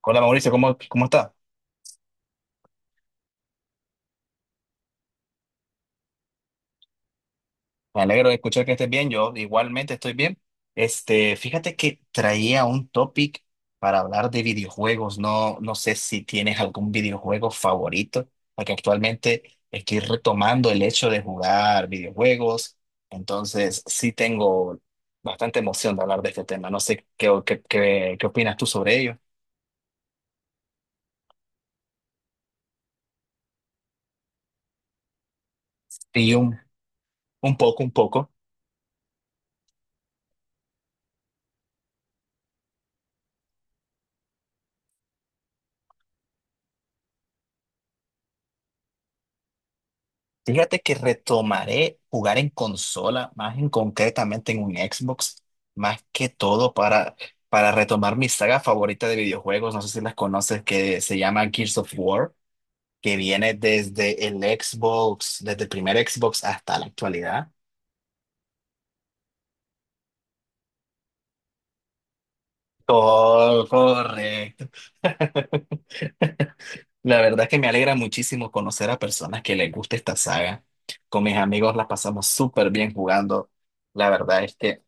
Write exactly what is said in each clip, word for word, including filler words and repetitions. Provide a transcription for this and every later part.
Hola Mauricio, ¿cómo, cómo está? Me alegro de escuchar que estés bien, yo igualmente estoy bien. Este, fíjate que traía un topic para hablar de videojuegos. No, no sé si tienes algún videojuego favorito, porque actualmente estoy retomando el hecho de jugar videojuegos. Entonces, sí tengo bastante emoción de hablar de este tema. No sé qué, qué, qué, qué opinas tú sobre ello. Y un, un poco, un poco. Fíjate que retomaré jugar en consola, más en concretamente en un Xbox, más que todo para, para retomar mi saga favorita de videojuegos, no sé si las conoces, que se llama Gears of War, que viene desde el Xbox, desde el primer Xbox hasta la actualidad. Todo correcto. La verdad es que me alegra muchísimo conocer a personas que les gusta esta saga. Con mis amigos la pasamos súper bien jugando. La verdad es que…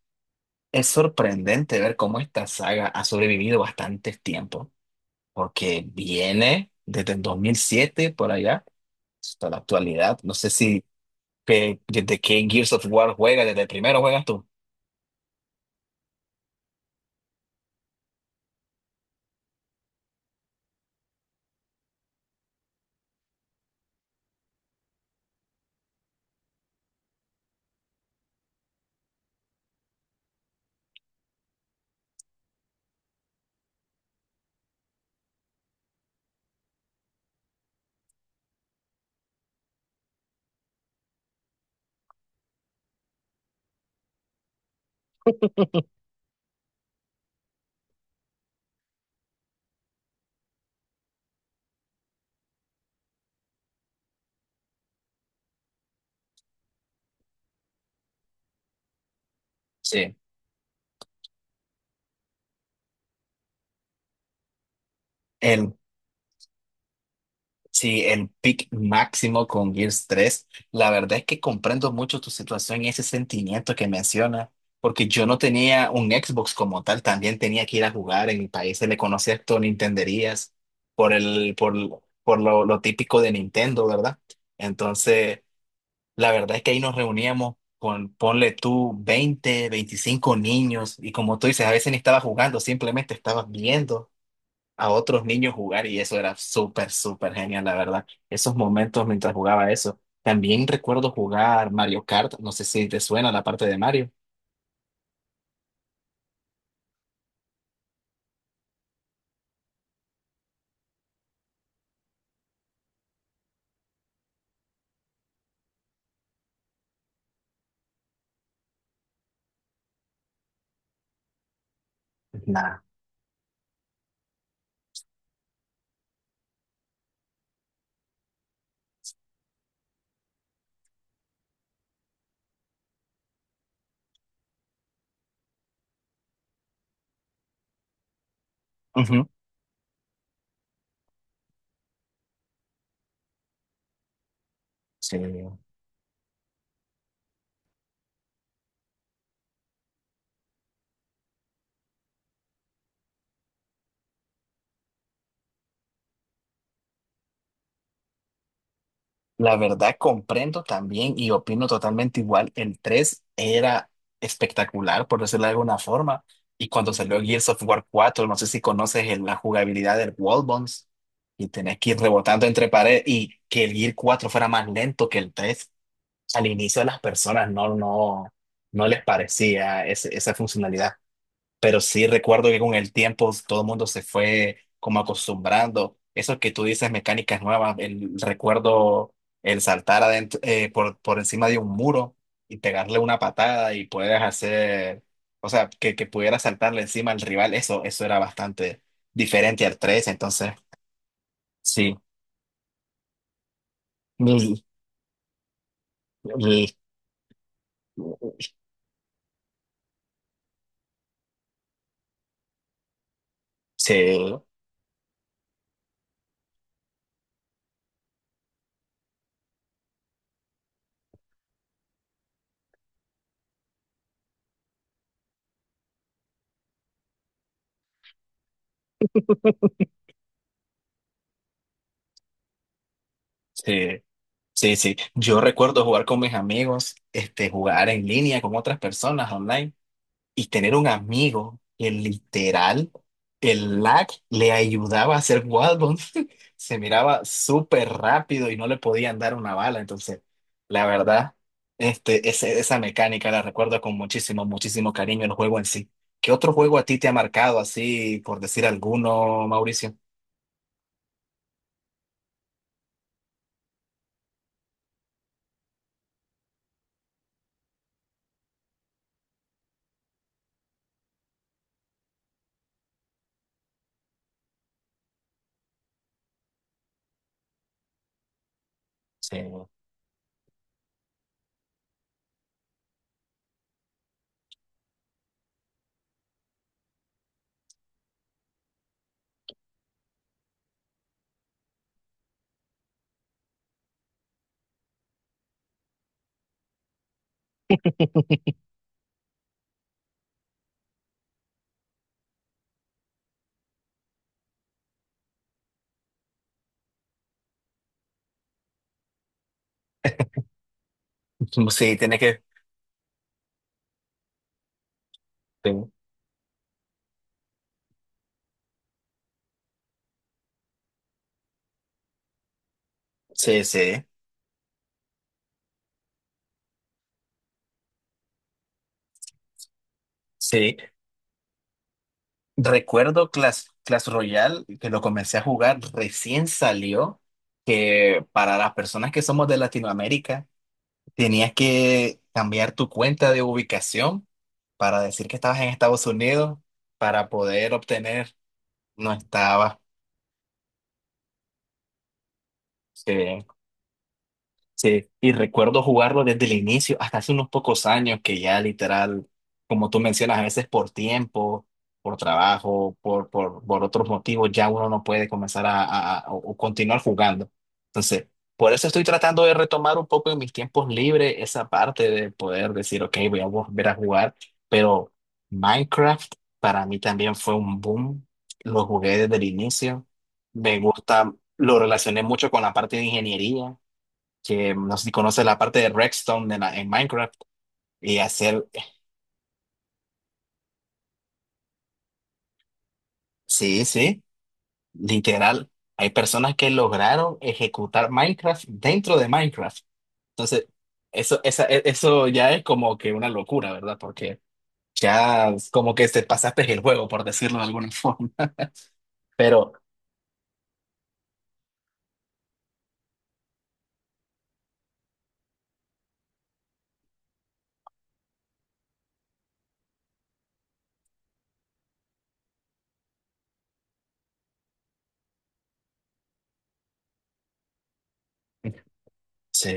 Es sorprendente ver cómo esta saga ha sobrevivido bastante tiempo, porque viene desde el dos mil siete por allá hasta la actualidad. No sé si que- desde qué Gears of War juega, desde el primero juegas tú. Sí. El Sí, el pick máximo con Gears tres. La verdad es que comprendo mucho tu situación y ese sentimiento que mencionas, porque yo no tenía un Xbox como tal, también tenía que ir a jugar. En mi país se le conocía esto Nintenderías por el, por, por lo, lo típico de Nintendo, ¿verdad? Entonces, la verdad es que ahí nos reuníamos con, ponle tú, veinte, veinticinco niños, y como tú dices, a veces ni estaba jugando, simplemente estabas viendo a otros niños jugar y eso era súper, súper genial, la verdad. Esos momentos mientras jugaba eso. También recuerdo jugar Mario Kart, no sé si te suena la parte de Mario. Nada Ujú. Sí. La verdad comprendo también y opino totalmente igual. El tres era espectacular, por decirlo de alguna forma. Y cuando salió Gears of War cuatro, no sé si conoces el- la jugabilidad del Wall Bounce y tenés que ir rebotando entre paredes y que el Gear cuatro fuera más lento que el tres al inicio a las personas no, no, no les parecía ese- esa funcionalidad, pero sí recuerdo que con el tiempo todo el mundo se fue como acostumbrando. Eso que tú dices, mecánicas nuevas, el recuerdo, el saltar adentro, eh, por, por encima de un muro y pegarle una patada y puedes hacer, o sea, que, que pudiera saltarle encima al rival, eso, eso era bastante diferente al tres entonces sí. Mm, mm, Sí, sí. Sí, sí. Yo recuerdo jugar con mis amigos, este, jugar en línea con otras personas online y tener un amigo que literal, el lag le ayudaba a hacer wall bounce. Se miraba súper rápido y no le podían dar una bala. Entonces, la verdad, este, ese- esa mecánica la recuerdo con muchísimo, muchísimo cariño el juego en sí. ¿Qué otro juego a ti te ha marcado así, por decir alguno, Mauricio? Sí, sí, tiene que… Sí, sí. Sí. Recuerdo Clash, Clash Royale, que lo comencé a jugar, recién salió, que para las personas que somos de Latinoamérica, tenías que cambiar tu cuenta de ubicación para decir que estabas en Estados Unidos para poder obtener, no estaba. Sí. Sí, y recuerdo jugarlo desde el inicio, hasta hace unos pocos años que ya literal, como tú mencionas, a veces por tiempo, por trabajo, por, por, por otros motivos, ya uno no puede comenzar a, a- a- o o continuar jugando. Entonces, por eso estoy tratando de retomar un poco en mis tiempos libres esa parte de poder decir, ok, voy a volver a jugar, pero Minecraft para mí también fue un boom, lo jugué desde el inicio, me gusta, lo relacioné mucho con la parte de ingeniería que no sé si conoces la parte de Redstone en, la- en Minecraft y hacer, sí, sí, literal, hay personas que lograron ejecutar Minecraft dentro de Minecraft. Entonces, eso, esa, e- eso ya es como que una locura, ¿verdad? Porque ya es como que te pasaste el juego, por decirlo de alguna forma. Pero, sí.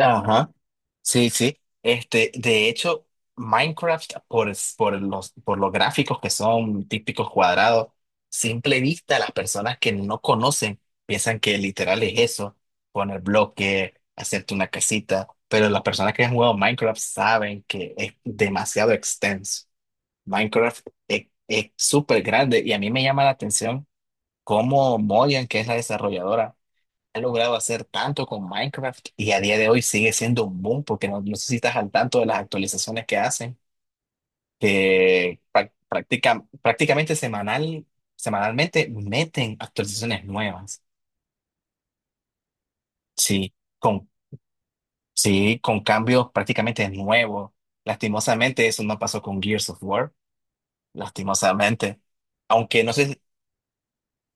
Ajá. Sí, sí. Este, de hecho, Minecraft, por, es- por los, por los gráficos que son típicos cuadrados, simple vista, las personas que no conocen piensan que literal es eso, poner bloque, hacerte una casita, pero las personas que han jugado Minecraft saben que es demasiado extenso. Minecraft es, es súper grande y a mí me llama la atención cómo Mojang que es la desarrolladora, ha logrado hacer tanto con Minecraft y a día de hoy sigue siendo un boom porque no, no sé si estás al tanto de las actualizaciones que hacen, que prac- practica- prácticamente semanal, semanalmente meten actualizaciones nuevas, sí, con, sí, con cambios prácticamente nuevos. Lastimosamente eso no pasó con Gears of War, lastimosamente. Aunque no sé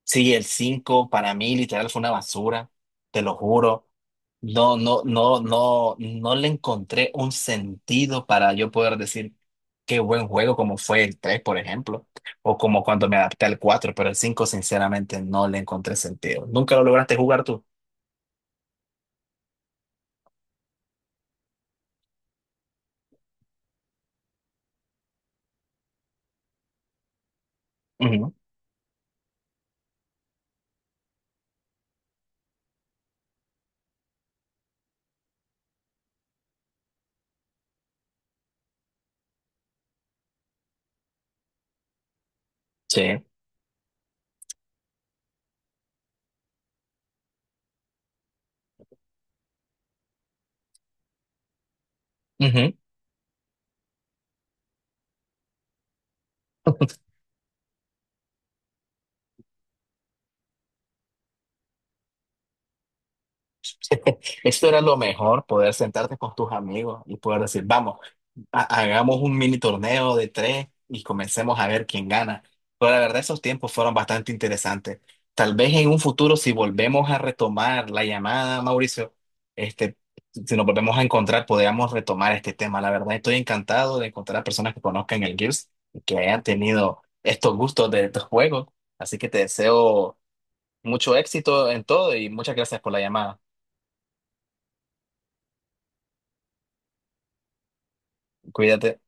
Sí, el cinco para mí literal fue una basura, te lo juro. No, no, no, no, no le encontré un sentido para yo poder decir qué buen juego como fue el tres, por ejemplo, o como cuando me adapté al cuatro. Pero el cinco, sinceramente no le encontré sentido. ¿Nunca lo lograste jugar tú? Ujú, Sí. Ujú. Esto era lo mejor, poder sentarte con tus amigos y poder decir, vamos. ha- hagamos un mini torneo de tres y comencemos a ver quién gana. Pero la verdad, esos tiempos fueron bastante interesantes. Tal vez en un futuro, si volvemos a retomar la llamada, Mauricio, este, si nos volvemos a encontrar, podríamos retomar este tema. La verdad, estoy encantado de encontrar a personas que conozcan el Gears y que hayan tenido estos gustos de estos juegos. Así que te deseo mucho éxito en todo y muchas gracias por la llamada. Cuídate.